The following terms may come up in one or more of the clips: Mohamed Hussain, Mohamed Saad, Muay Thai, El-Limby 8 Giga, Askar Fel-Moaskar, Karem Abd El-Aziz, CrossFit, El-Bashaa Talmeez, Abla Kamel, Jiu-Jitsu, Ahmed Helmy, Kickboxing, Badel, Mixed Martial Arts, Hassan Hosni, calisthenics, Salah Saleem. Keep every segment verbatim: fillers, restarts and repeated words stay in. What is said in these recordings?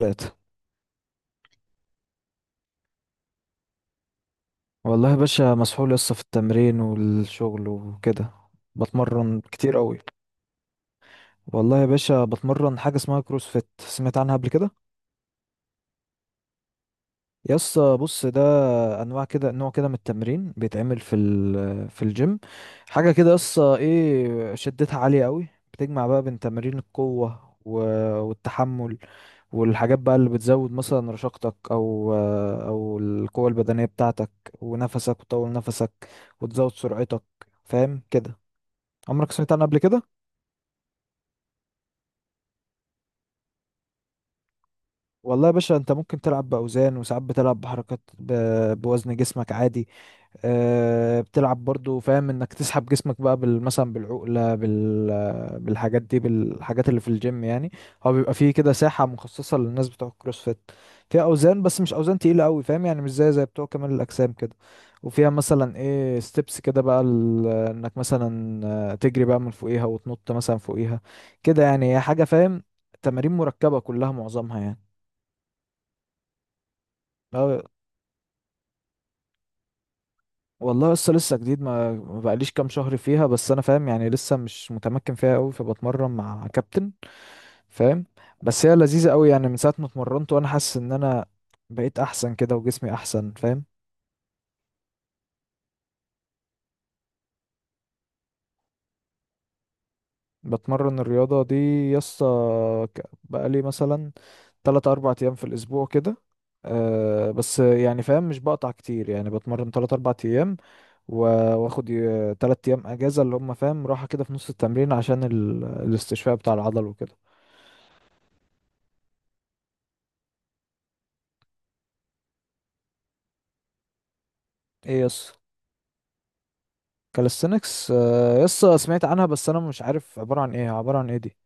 تلاتة. والله يا باشا، مسحول لسه في التمرين والشغل وكده. بتمرن كتير قوي. والله يا باشا بتمرن حاجة اسمها كروسفيت، سمعت عنها قبل كده؟ يسا بص، ده انواع كده، نوع كده من التمرين بيتعمل في ال- في الجيم. حاجه كده، قصه ايه، شدتها عاليه قوي. بتجمع بقى بين تمارين القوه و- والتحمل. والحاجات بقى اللي بتزود مثلا رشاقتك او او القوه البدنيه بتاعتك. ونفسك وتطول نفسك وتزود سرعتك. فاهم كده؟ عمرك سمعت عنها قبل كده؟ والله يا باشا انت ممكن تلعب باوزان، وساعات بتلعب بحركات ب- بوزن جسمك عادي. آه، بتلعب برضو، فاهم انك تسحب جسمك بقى بال- مثلا بالعقلة، بال بالحاجات دي، بالحاجات اللي في الجيم يعني. هو بيبقى فيه كده ساحة مخصصة للناس بتوع الكروسفيت. فيها اوزان، بس مش اوزان تقيلة قوي، فاهم؟ يعني مش زي زي بتوع كمال الاجسام كده. وفيها مثلا ايه ستيبس كده بقى، ال- انك مثلا آه، تجري بقى من فوقيها وتنط مثلا فوقيها كده، يعني هي حاجة، فاهم؟ تمارين مركبة كلها، معظمها يعني. والله لسه لسه جديد، ما ما بقاليش كام شهر فيها، بس انا فاهم يعني، لسه مش متمكن فيها قوي، فبتمرن مع كابتن، فاهم؟ بس هي لذيذة قوي، يعني من ساعة ما اتمرنت وانا حاسس ان انا بقيت احسن كده وجسمي احسن، فاهم؟ بتمرن الرياضة دي، يسطا، ك- بقالي مثلا تلات اربع ايام في الاسبوع كده. أه، بس يعني فاهم، مش بقطع كتير، يعني بتمرن تلات اربع ايام و- واخد ي- تلات ايام اجازة، اللي هم فاهم راحة كده في نص التمرين، عشان ال- الاستشفاء بتاع العضل وكده. ايه يس. كاليستنكس، آه، يس سمعت عنها، بس انا مش عارف عبارة عن ايه، عبارة عن ايه دي؟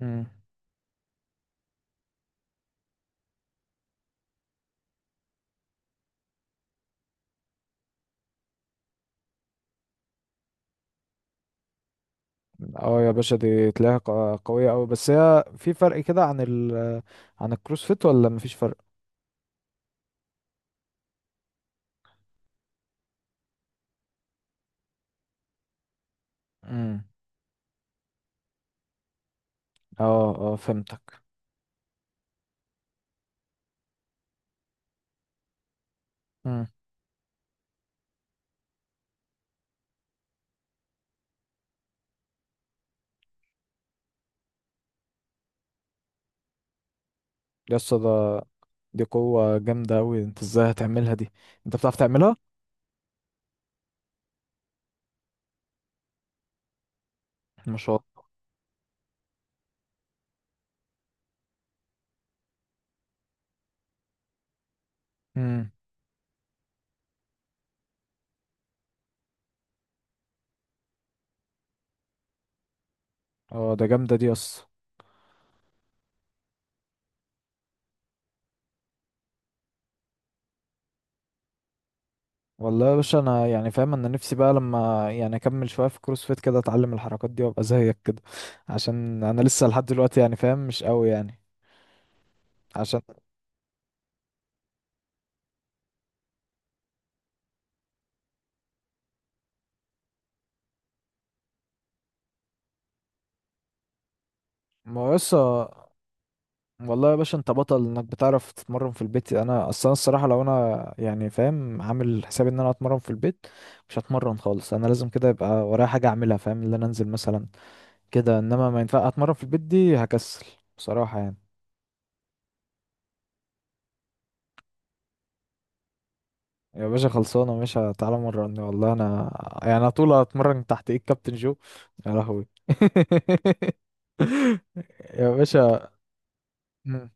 مم. اه يا باشا، دي تلاقيها ق- قوية قوي، بس هي في فرق كده عن ال عن الكروسفيت ولا مفيش فرق؟ امم. اه اه فهمتك. امم. يس ده. دي قوة جامدة قوي، انت ازاي هتعملها دي؟ انت بتعرف تعملها؟ ما شاء الله. امم. اه ده جامدة دي يس. والله يا باشا، انا يعني فاهم، انا نفسي بقى لما يعني اكمل شويه في كروس فيت كده، اتعلم الحركات دي وابقى زيك كده. عشان انا لسه لحد دلوقتي يعني فاهم مش قوي يعني. عشان. ما هو لسه. والله يا باشا، انت بطل انك بتعرف تتمرن في البيت، انا اصلا الصراحه لو انا يعني فاهم عامل حسابي ان انا اتمرن في البيت مش هتمرن خالص، انا لازم كده يبقى ورايا حاجه اعملها، فاهم، اللي انا انزل مثلا كده، انما ما ينفع اتمرن في البيت دي، هكسل بصراحه يعني. يا باشا خلصانة، مش تعالى مرة؟ والله أنا يعني، أنا طول أتمرن تحت إيد كابتن جو. يا لهوي يا باشا. مم.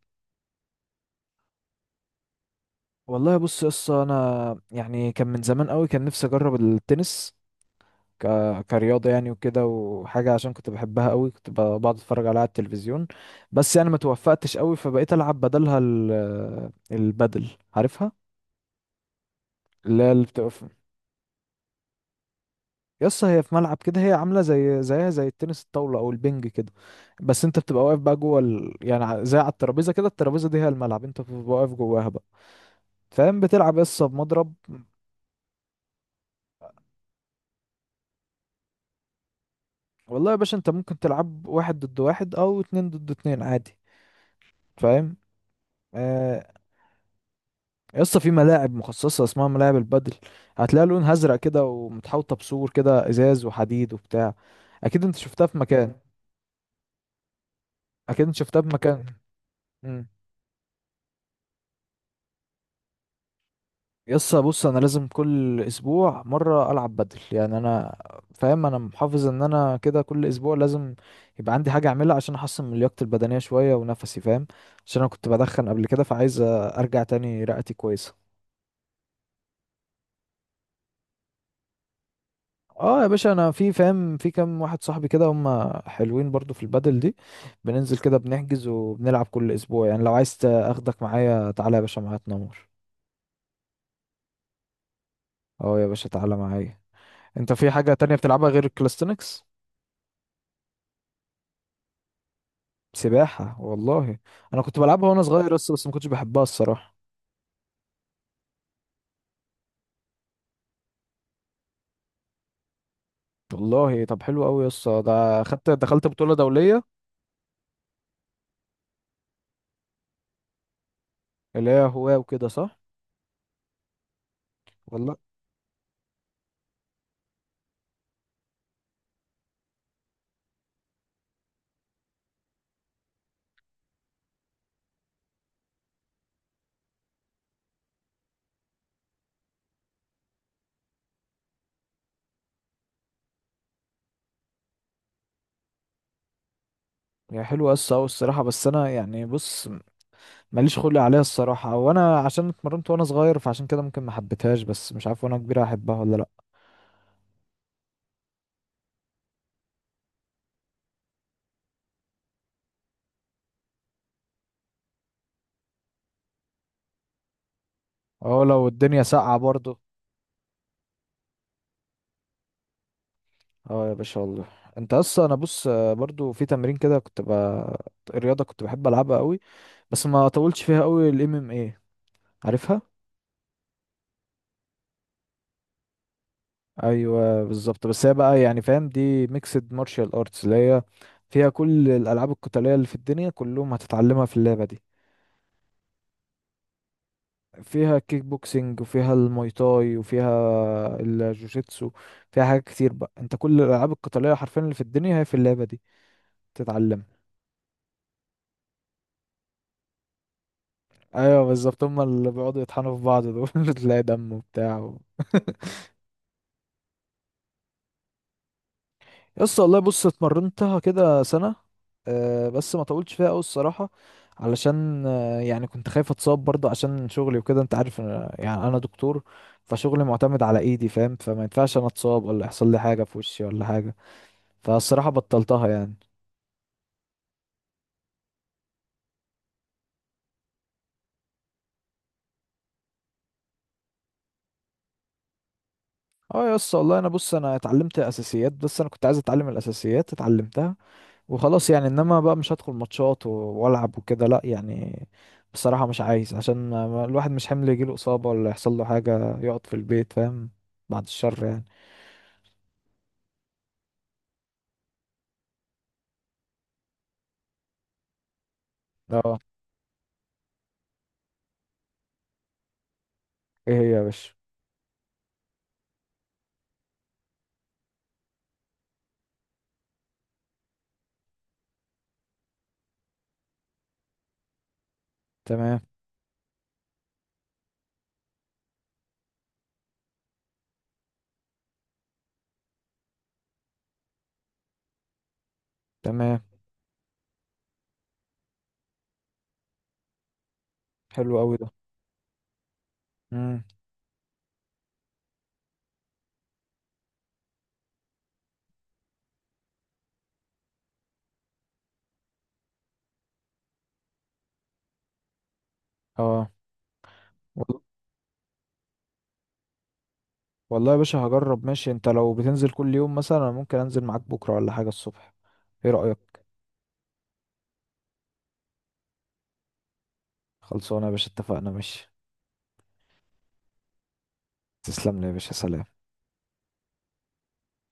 والله بص يا اسطى، أنا يعني كان من زمان قوي كان نفسي أجرب التنس ك... كرياضة يعني وكده، وحاجة عشان كنت بحبها قوي، كنت ب- بقعد أتفرج عليها على التلفزيون. بس يعني ما توفقتش قوي، فبقيت ألعب بدلها ال... البدل، عارفها؟ اللي هي اللي بتقف. يس، هي في ملعب كده، هي عامله زي، زيها زي التنس الطاوله او البنج كده، بس انت بتبقى واقف بقى جوه ال... يعني ع- زي على الترابيزه كده، الترابيزه دي هي الملعب، انت بتبقى واقف جواها بقى، فاهم؟ بتلعب يس بمضرب. والله يا باشا، انت ممكن تلعب واحد ضد واحد او اتنين ضد اتنين عادي، فاهم؟ آه. يس في ملاعب مخصصه اسمها ملاعب البادل، هتلاقي لونها ازرق كده ومتحوطه بسور كده ازاز وحديد وبتاع، اكيد انت شفتها في مكان. اكيد انت شفتها في مكان. يسا بص، انا لازم كل اسبوع مره العب بدل، يعني انا فاهم انا محافظ ان انا كده كل اسبوع لازم يبقى عندي حاجه اعملها، عشان احسن من لياقتي البدنيه شويه ونفسي، فاهم، عشان انا كنت بدخن قبل كده، فعايز ارجع تاني رئتي كويسه. اه يا باشا، انا في فاهم في كام واحد صاحبي كده هم حلوين برضو في البدل دي، بننزل كده بنحجز وبنلعب كل اسبوع، يعني لو عايز اخدك معايا تعالى يا باشا معايا تنور. اه يا باشا تعالى معايا. انت في حاجه تانية بتلعبها غير الكلاستنكس؟ سباحة، والله انا كنت بلعبها وانا صغير، بس بس ما كنتش بحبها الصراحة. والله طب حلو قوي يا اسطى، ده خدت دخلت بطولة دولية؟ اللي هي هواة وكده صح؟ والله. هي حلوة يا اسطى أوي الصراحة، بس انا يعني بص، ماليش خلق عليها الصراحة، وانا عشان اتمرنت وانا صغير فعشان كده ممكن ما حبيتهاش، بس مش عارف وانا كبير هحبها ولا لا. اه، لو الدنيا ساقعة برضو. اه يا باشا والله. انت اصلا، انا بص آه، برضو في تمرين كده كنت ب... رياضة كنت بحب العبها قوي، بس ما طولتش فيها قوي، الام ام ايه عارفها؟ ايوه بالظبط، بس هي بقى يعني فاهم دي ميكسد مارشال ارتس، اللي هي فيها كل الالعاب القتاليه اللي في الدنيا كلهم هتتعلمها في اللعبه دي. فيها كيك بوكسينج وفيها المايتاي وفيها الجوجيتسو، فيها حاجات كتير بقى، انت كل الالعاب القتاليه حرفيا اللي في الدنيا هي في اللعبه دي تتعلمها. ايوه بالظبط، هم اللي بيقعدوا يطحنوا في بعض دول تلاقي دم وبتاع و... يس والله بص، اتمرنتها كده سنة، أه بس ما طولتش فيها قوي الصراحة، علشان أه يعني كنت خايف اتصاب برضه عشان شغلي وكده، انت عارف أنا يعني انا دكتور، فشغلي معتمد على ايدي، فاهم، فما ينفعش انا اتصاب ولا يحصل لي حاجة في وشي ولا حاجة، فالصراحة بطلتها يعني. اه يس والله، انا بص انا اتعلمت اساسيات، بس انا كنت عايز اتعلم الاساسيات اتعلمتها وخلاص يعني، انما بقى مش هدخل ماتشات و- والعب وكده لا يعني، بصراحة مش عايز عشان ما- ما- الواحد مش حمل يجيله إصابة ولا يحصل له حاجة يقعد في البيت، فاهم، بعد الشر يعني. اه. ايه هي يا باشا؟ تمام. تمام. حلو قوي ده. امم. اه. وال- والله يا باشا هجرب، ماشي، انت لو بتنزل كل يوم مثلا أنا ممكن انزل معاك بكرة ولا حاجة الصبح، ايه رأيك؟ خلصانة يا باشا اتفقنا، ماشي. تسلم لي يا باشا، سلام.